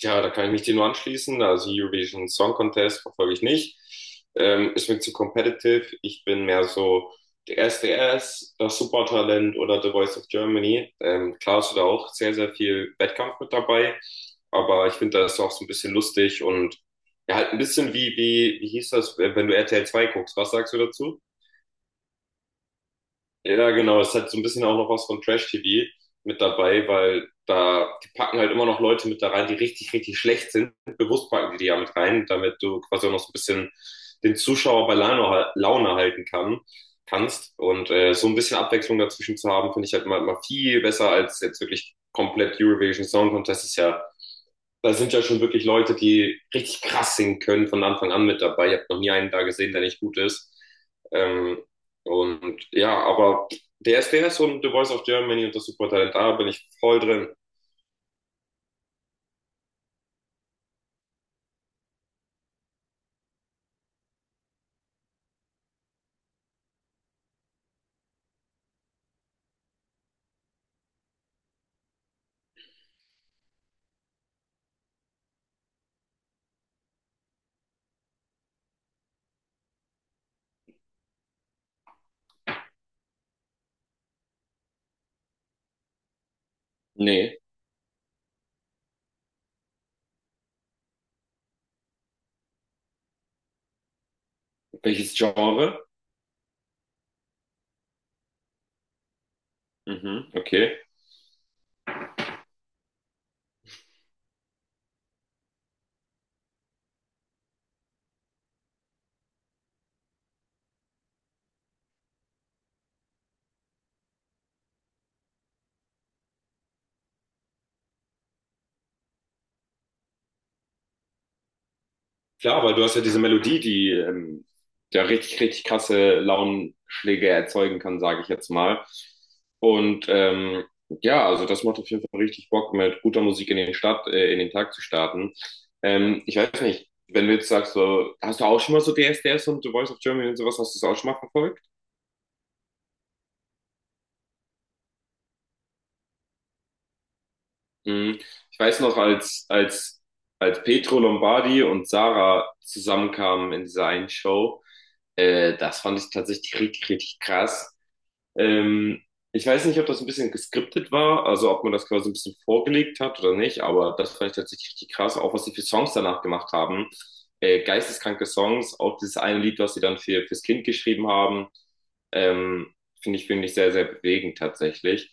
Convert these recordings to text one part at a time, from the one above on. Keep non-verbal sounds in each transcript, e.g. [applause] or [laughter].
Ja, da kann ich mich dir nur anschließen. Also Eurovision Song Contest verfolge ich nicht. Ist mir zu competitive. Ich bin mehr so der D S, das Supertalent oder The Voice of Germany. Klar ist da auch sehr, sehr viel Wettkampf mit dabei. Aber ich finde das auch so ein bisschen lustig und ja, halt ein bisschen wie hieß das, wenn du RTL 2 guckst. Was sagst du dazu? Ja, genau. Es hat so ein bisschen auch noch was von Trash-TV mit dabei, weil da die packen halt immer noch Leute mit da rein, die richtig, richtig schlecht sind. Bewusst packen die die ja mit rein, damit du quasi auch noch so ein bisschen den Zuschauer bei Laune halten kannst. Und so ein bisschen Abwechslung dazwischen zu haben, finde ich halt immer, immer viel besser als jetzt wirklich komplett Eurovision Song Contest. Ist ja da sind ja schon wirklich Leute, die richtig krass singen können von Anfang an mit dabei. Ich habe noch nie einen da gesehen, der nicht gut ist. Ähm, und ja, aber der DSDS und The Voice of Germany und das Supertalent, da bin ich voll drin. Nee. Welches Genre? Mhm, okay. Klar, weil du hast ja diese Melodie, die ja richtig, richtig krasse Launenschläge erzeugen kann, sage ich jetzt mal. Und ja, also das macht auf jeden Fall richtig Bock, mit guter Musik in den Tag zu starten. Ich weiß nicht, wenn du jetzt sagst, so, hast du auch schon mal so DSDS und The Voice of Germany und sowas, hast du das auch schon mal verfolgt? Mhm. Ich weiß noch, als Pietro Lombardi und Sarah zusammenkamen in dieser einen Show. Das fand ich tatsächlich richtig, richtig krass. Ähm, ich weiß nicht, ob das ein bisschen geskriptet war, also ob man das quasi ein bisschen vorgelegt hat oder nicht, aber das fand ich tatsächlich richtig krass, auch was sie für Songs danach gemacht haben. Geisteskranke Songs, auch dieses eine Lied, was sie dann fürs Kind geschrieben haben, ähm, finde ich sehr, sehr bewegend tatsächlich.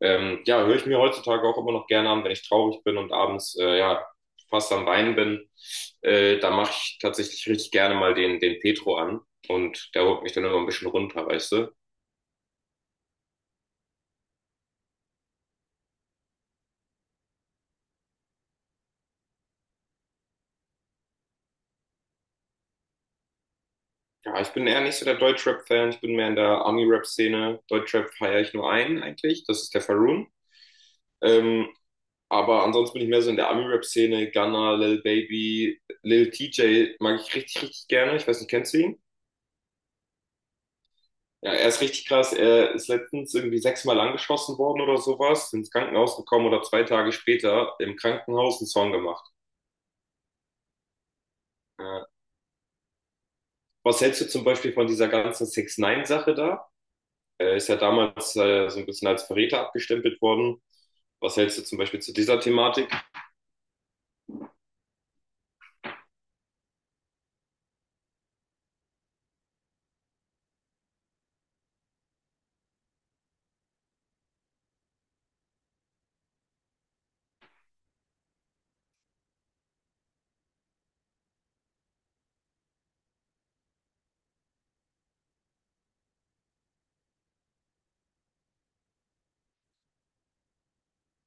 Ja, höre ich mir heutzutage auch immer noch gerne an, wenn ich traurig bin und abends, ja, fast am Weinen bin. Da mache ich tatsächlich richtig gerne mal den Petro an und der holt mich dann immer ein bisschen runter, weißt du? Ja, ich bin eher nicht so der Deutschrap-Fan. Ich bin mehr in der Ami-Rap-Szene. Deutschrap feiere ich nur einen eigentlich. Das ist der Faroon. Ähm, aber ansonsten bin ich mehr so in der Ami-Rap-Szene. Gunna, Lil Baby, Lil TJ mag ich richtig, richtig gerne. Ich weiß nicht, kennst du ihn? Ja, er ist richtig krass. Er ist letztens irgendwie sechsmal angeschossen worden oder sowas, ins Krankenhaus gekommen oder 2 Tage später im Krankenhaus einen Song gemacht. Äh, was hältst du zum Beispiel von dieser ganzen 6 ix sache da? Er ist ja damals so ein bisschen als Verräter abgestempelt worden. Was hältst du zum Beispiel zu dieser Thematik?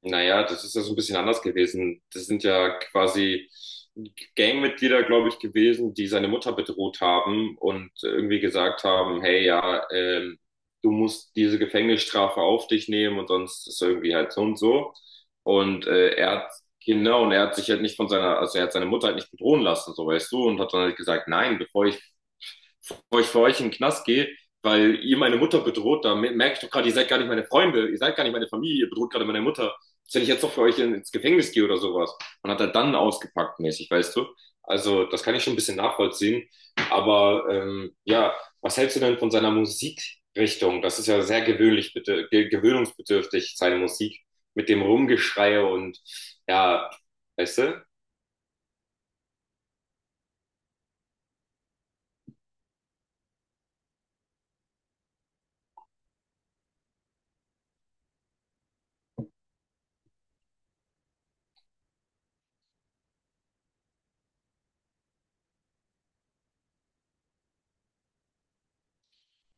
Naja, das ist ja so ein bisschen anders gewesen. Das sind ja quasi Gangmitglieder, glaube ich, gewesen, die seine Mutter bedroht haben und irgendwie gesagt haben, hey, ja, du musst diese Gefängnisstrafe auf dich nehmen und sonst ist irgendwie halt so und so. Und genau, und er hat sich halt nicht von seiner, also er hat seine Mutter halt nicht bedrohen lassen, so weißt du, und hat dann halt gesagt, nein, bevor ich für euch in den Knast gehe, weil ihr meine Mutter bedroht, da merke ich doch gerade, ihr seid gar nicht meine Freunde, ihr seid gar nicht meine Familie, ihr bedroht gerade meine Mutter. Was, wenn ich jetzt doch für euch ins Gefängnis gehe oder sowas? Und hat er dann ausgepackt mäßig, weißt du? Also das kann ich schon ein bisschen nachvollziehen. Aber ja, was hältst du denn von seiner Musikrichtung? Das ist ja sehr gewöhnlich, bitte, ge gewöhnungsbedürftig, seine Musik mit dem Rumgeschrei und ja, weißt du?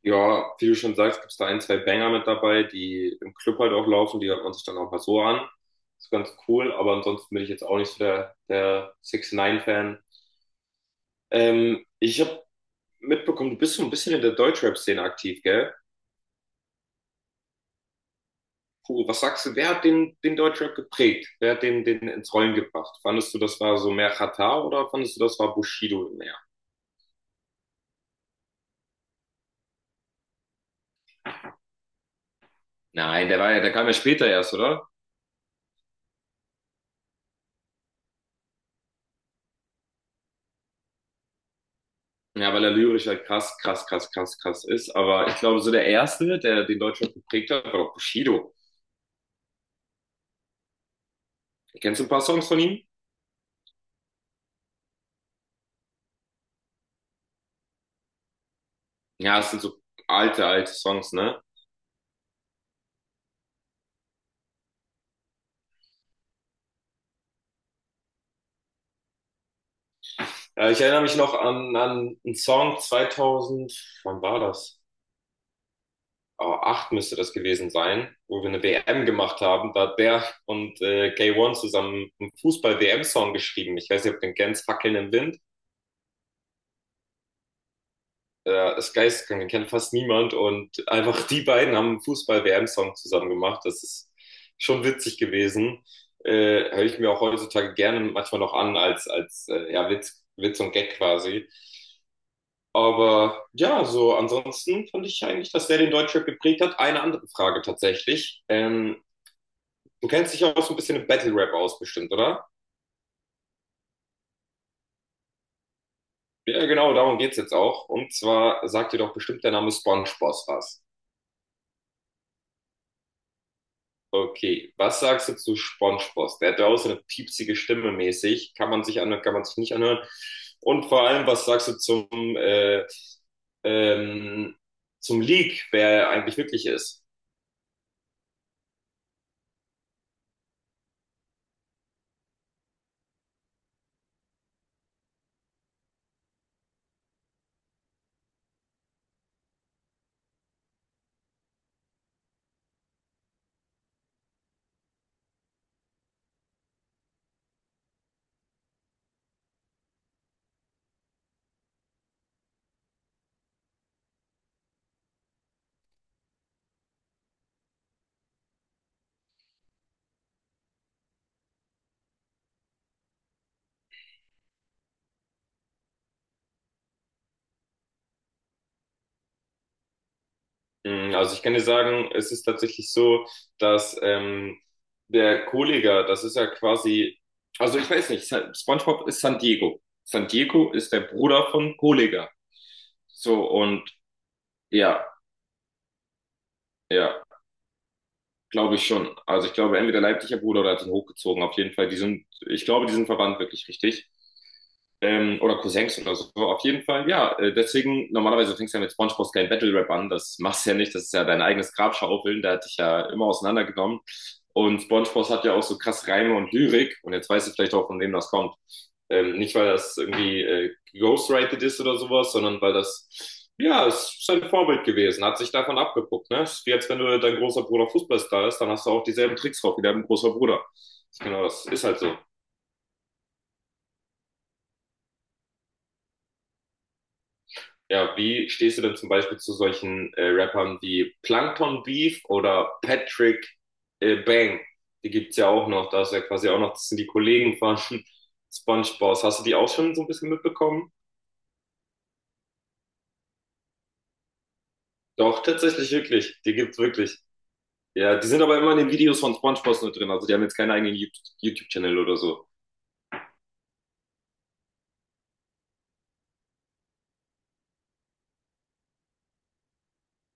Ja, wie du schon sagst, gibt's da ein, zwei Banger mit dabei, die im Club halt auch laufen, die hört man sich dann auch mal so an. Ist ganz cool, aber ansonsten bin ich jetzt auch nicht so der, 6 ix fan. Ich habe mitbekommen, du bist so ein bisschen in der Deutschrap-Szene aktiv, gell? Puh, was sagst du, wer hat den Deutschrap geprägt? Wer hat den ins Rollen gebracht? Fandest du, das war so mehr Xatar oder fandest du, das war Bushido mehr? Nein, der kam ja später erst, oder? Ja, weil er lyrisch halt krass, krass, krass, krass, krass ist. Aber ich glaube, so der erste, der den Deutschrap geprägt hat, war doch Bushido. Kennst du ein paar Songs von ihm? Ja, es sind so alte, alte Songs, ne? Ich erinnere mich noch an einen Song 2000. Wann war das? Oh, acht müsste das gewesen sein, wo wir eine WM gemacht haben. Da hat der und K1 zusammen einen Fußball-WM-Song geschrieben. Ich weiß nicht, ob du den kennst, Fackeln im Wind. Ja, das geisteskrank, den kennt fast niemand. Und einfach die beiden haben einen Fußball-WM-Song zusammen gemacht. Das ist schon witzig gewesen. Höre ich mir auch heutzutage gerne manchmal noch an, als ja, Witz, Witz und Gag quasi. Aber ja, so ansonsten fand ich eigentlich, dass der den Deutschrap geprägt hat. Eine andere Frage tatsächlich. Du kennst dich ja auch so ein bisschen im Battle-Rap aus, bestimmt, oder? Ja, genau, darum geht's jetzt auch. Und zwar sagt dir doch bestimmt der Name SpongeBob was. Okay, was sagst du zu SpongeBob? Der hat ja auch so eine piepsige Stimme mäßig. Kann man sich anhören, kann man sich nicht anhören. Und vor allem, was sagst du äh, ähm, zum Leak, wer er eigentlich wirklich ist? Also ich kann dir sagen, es ist tatsächlich so, dass der Kollega, das ist ja quasi, also ich weiß nicht, SpongeBob ist San Diego. San Diego ist der Bruder von Kollega. So und ja. Ja, glaube ich schon. Also ich glaube, entweder leipziger Bruder oder hat ihn hochgezogen. Auf jeden Fall, die sind, ich glaube, die sind verwandt wirklich richtig. Oder Cousins oder so. Auf jeden Fall, ja. Deswegen, normalerweise fängst du ja mit SpongeBob's kleinen Battle Rap an. Das machst du ja nicht. Das ist ja dein eigenes Grabschaufeln. Der hat dich ja immer auseinandergenommen. Und SpongeBob hat ja auch so krass Reime und Lyrik. Und jetzt weißt du vielleicht auch, von wem das kommt. Nicht, weil das irgendwie geghostwritet ist oder sowas, sondern weil ja, es ist sein Vorbild gewesen, hat sich davon abgeguckt. Ne? Ist wie als wenn du dein großer Bruder Fußballstar ist, dann hast du auch dieselben Tricks drauf wie dein großer Bruder. Genau, das ist halt so. Ja, wie stehst du denn zum Beispiel zu solchen Rappern wie Plankton Beef oder Patrick Bang? Die gibt's ja auch noch, da ist ja quasi auch noch, das sind die Kollegen von [laughs] SpongeBob. Hast du die auch schon so ein bisschen mitbekommen? Doch, tatsächlich wirklich. Die gibt's wirklich. Ja, die sind aber immer in den Videos von SpongeBob nur drin. Also die haben jetzt keinen eigenen YouTube-Channel oder so.